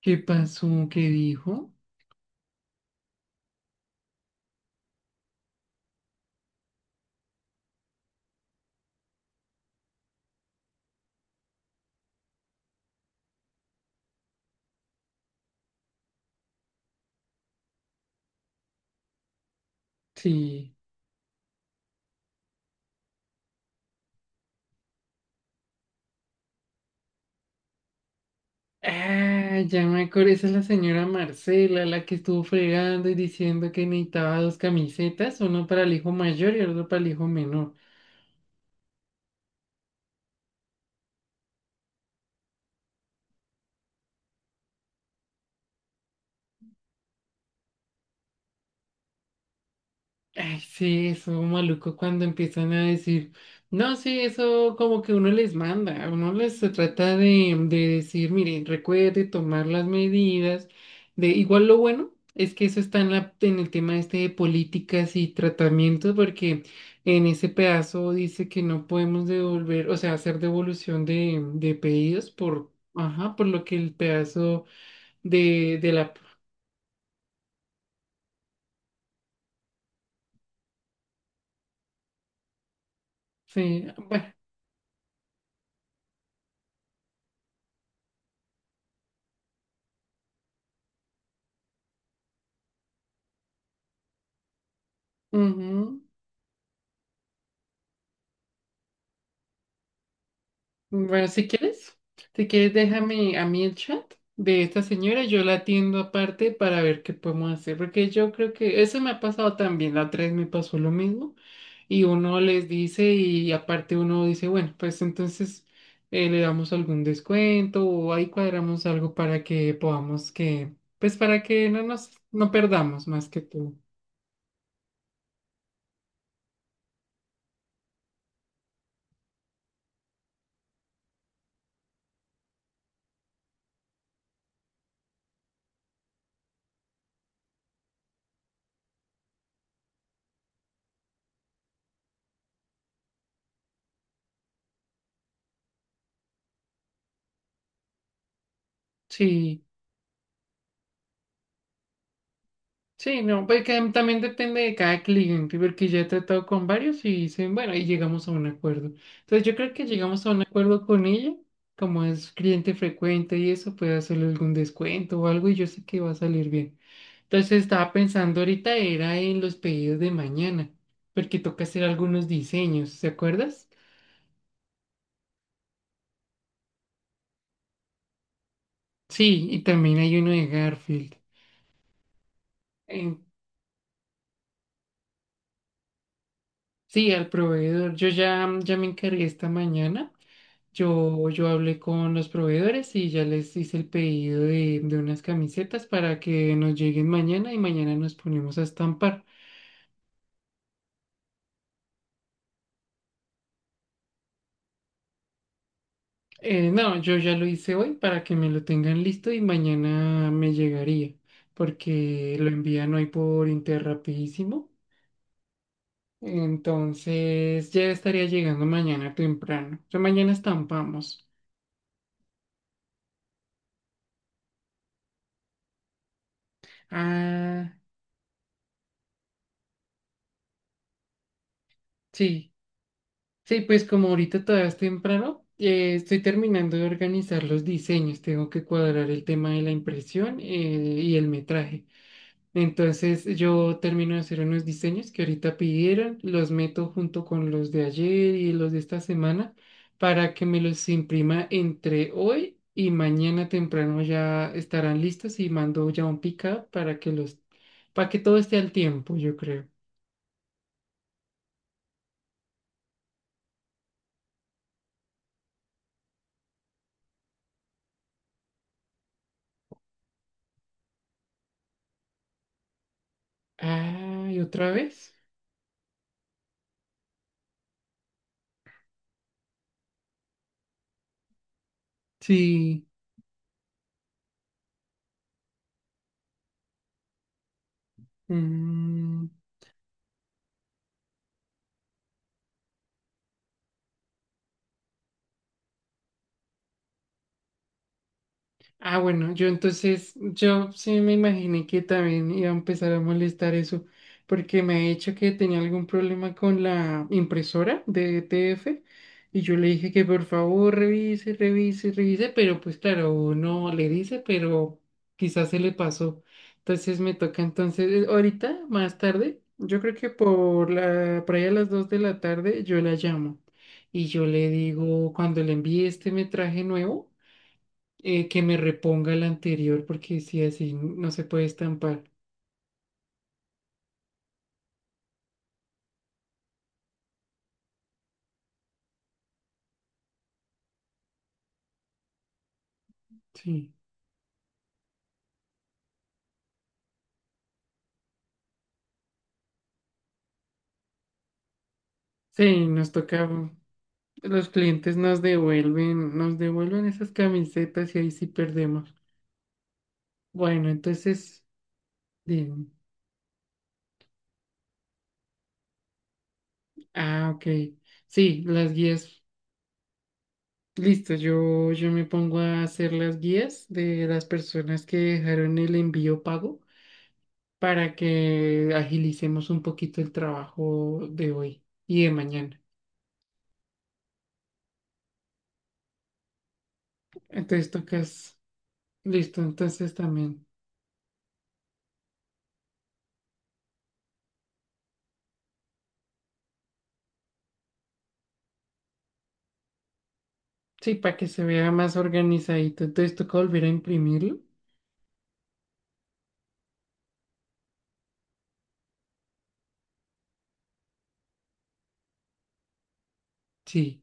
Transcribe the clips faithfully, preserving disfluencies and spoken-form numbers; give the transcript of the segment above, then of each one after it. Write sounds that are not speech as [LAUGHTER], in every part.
¿Qué pasó? ¿Qué dijo? Sí. Ah, ya me acordé, esa es la señora Marcela, la que estuvo fregando y diciendo que necesitaba dos camisetas, uno para el hijo mayor y otro para el hijo menor. Ay, sí, eso maluco cuando empiezan a decir, no, sí, eso como que uno les manda, uno les se trata de, de decir, miren, recuerde tomar las medidas, de igual lo bueno es que eso está en la, en el tema este de políticas y tratamientos, porque en ese pedazo dice que no podemos devolver, o sea, hacer devolución de, de pedidos por, ajá, por lo que el pedazo de, de la, sí, bueno, ujú. Bueno, si quieres, si quieres, déjame a mí el chat de esta señora, yo la atiendo aparte para ver qué podemos hacer, porque yo creo que eso me ha pasado también, la otra vez me pasó lo mismo y uno les dice y aparte uno dice, bueno, pues entonces eh, le damos algún descuento o ahí cuadramos algo para que podamos que, pues para que no nos, no perdamos más que tú. Sí. Sí, no, pues que también depende de cada cliente, porque ya he tratado con varios y dicen, bueno, y llegamos a un acuerdo. Entonces yo creo que llegamos a un acuerdo con ella, como es cliente frecuente y eso, puede hacerle algún descuento o algo y yo sé que va a salir bien. Entonces estaba pensando ahorita era en los pedidos de mañana, porque toca hacer algunos diseños, ¿se acuerdas? Sí, y también hay uno de Garfield. En- sí, al proveedor, yo ya, ya me encargué esta mañana. Yo, yo hablé con los proveedores y ya les hice el pedido de, de unas camisetas para que nos lleguen mañana y mañana nos ponemos a estampar. Eh, no, yo ya lo hice hoy para que me lo tengan listo y mañana me llegaría, porque lo envían hoy por Interrapidísimo. Entonces ya estaría llegando mañana temprano. O mañana estampamos. Ah, sí. Sí, pues como ahorita todavía es temprano, eh, estoy terminando de organizar los diseños, tengo que cuadrar el tema de la impresión eh, y el metraje. Entonces yo termino de hacer unos diseños que ahorita pidieron, los meto junto con los de ayer y los de esta semana para que me los imprima entre hoy y mañana temprano ya estarán listos y mando ya un pick-up para que los, para que todo esté al tiempo, yo creo. Ah, ¿y otra vez? Sí. Mm. Ah, bueno, yo entonces, yo sí me imaginé que también iba a empezar a molestar eso, porque me ha dicho que tenía algún problema con la impresora de E T F y yo le dije que por favor revise, revise, revise, pero pues claro, no le dice, pero quizás se le pasó. Entonces me toca entonces, eh, ahorita, más tarde, yo creo que por la, por ahí a las dos de la tarde, yo la llamo. Y yo le digo, cuando le envíe este metraje nuevo, eh, que me reponga el anterior, porque si así no se puede estampar. Sí. Sí, nos toca, mm, los clientes nos devuelven, nos devuelven esas camisetas y ahí sí perdemos. Bueno, entonces, dime. Ah, ok. Sí, las guías. Listo, yo, yo me pongo a hacer las guías de las personas que dejaron el envío pago para que agilicemos un poquito el trabajo de hoy y de mañana. Entonces tocas. Listo, entonces también. Sí, para que se vea más organizadito. Entonces toca volver a imprimirlo. Sí.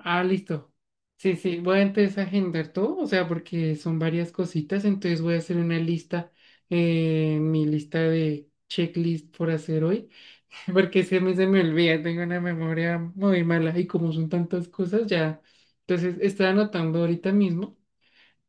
Ah, listo. Sí, sí. Voy a entonces agendar todo, o sea, porque son varias cositas. Entonces voy a hacer una lista, eh, mi lista de checklist por hacer hoy, [LAUGHS] porque se me, se me olvida, tengo una memoria muy mala y como son tantas cosas, ya. Entonces estoy anotando ahorita mismo.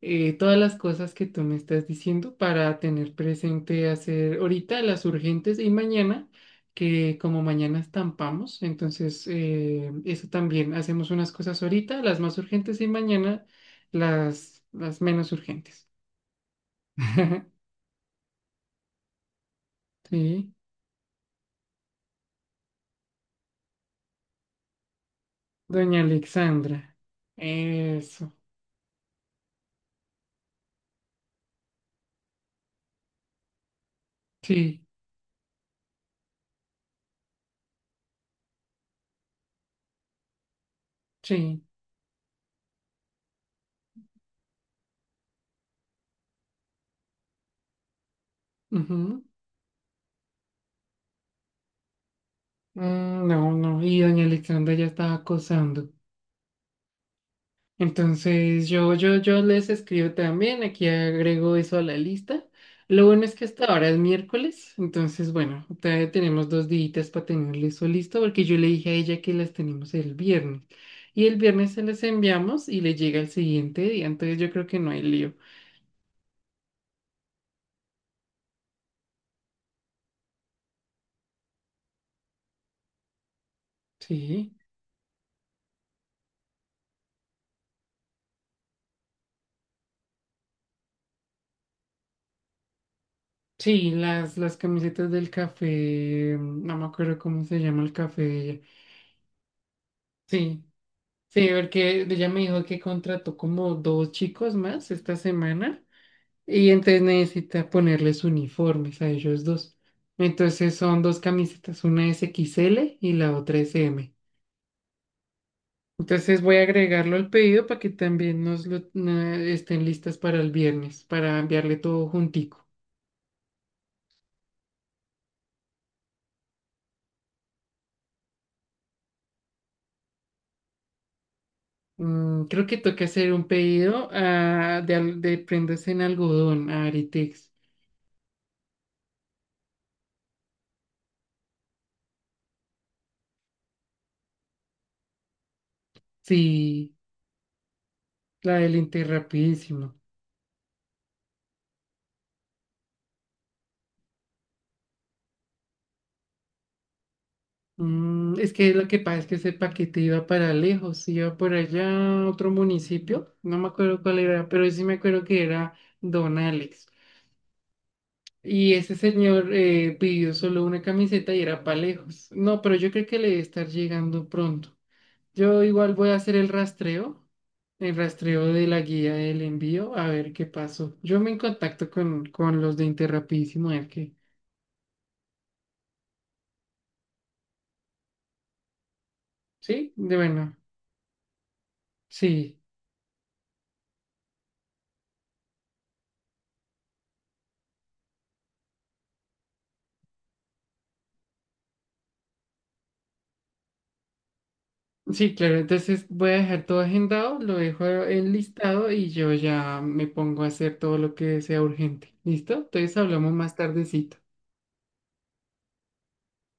eh, Todas las cosas que tú me estás diciendo para tener presente hacer ahorita las urgentes y mañana, que como mañana estampamos, entonces eh, eso también, hacemos unas cosas ahorita, las más urgentes y mañana las, las menos urgentes. [LAUGHS] Sí, doña Alexandra. Eso, sí, sí. Ujú. Mm, no, no, y doña Alexandra ya estaba acosando. Entonces yo, yo, yo les escribo también, aquí agrego eso a la lista. Lo bueno es que hasta ahora es miércoles, entonces bueno, todavía tenemos dos días para tener eso listo, porque yo le dije a ella que las tenemos el viernes. Y el viernes se las enviamos y le llega el siguiente día, entonces yo creo que no hay lío. Sí, sí, las, las camisetas del café, mm, no me acuerdo cómo se llama el café de ella. Sí, sí, porque ella me dijo que contrató como dos chicos más esta semana. Y entonces necesita ponerles uniformes a ellos dos. Entonces son dos camisetas, una es X L y la otra es M. Entonces voy a agregarlo al pedido para que también nos lo, na- estén listas para el viernes, para enviarle todo juntico. Mm, creo que toca hacer un pedido ah, de, al- de prendas en algodón a Aritex. Sí, la del Inter rapidísimo. Mm, es que lo que pasa es que ese paquete iba para lejos, iba por allá a otro municipio, no me acuerdo cuál era, pero sí me acuerdo que era Don Alex. Y ese señor eh, pidió solo una camiseta y era para lejos. No, pero yo creo que le debe estar llegando pronto. Yo igual voy a hacer el rastreo, el rastreo de la guía del envío, a ver qué pasó. Yo me en contacto con, con los de Interrapidísimo, a ver qué. ¿Sí? De bueno, sí. Sí, claro, entonces voy a dejar todo agendado, lo dejo enlistado y yo ya me pongo a hacer todo lo que sea urgente. ¿Listo? Entonces hablamos más tardecito.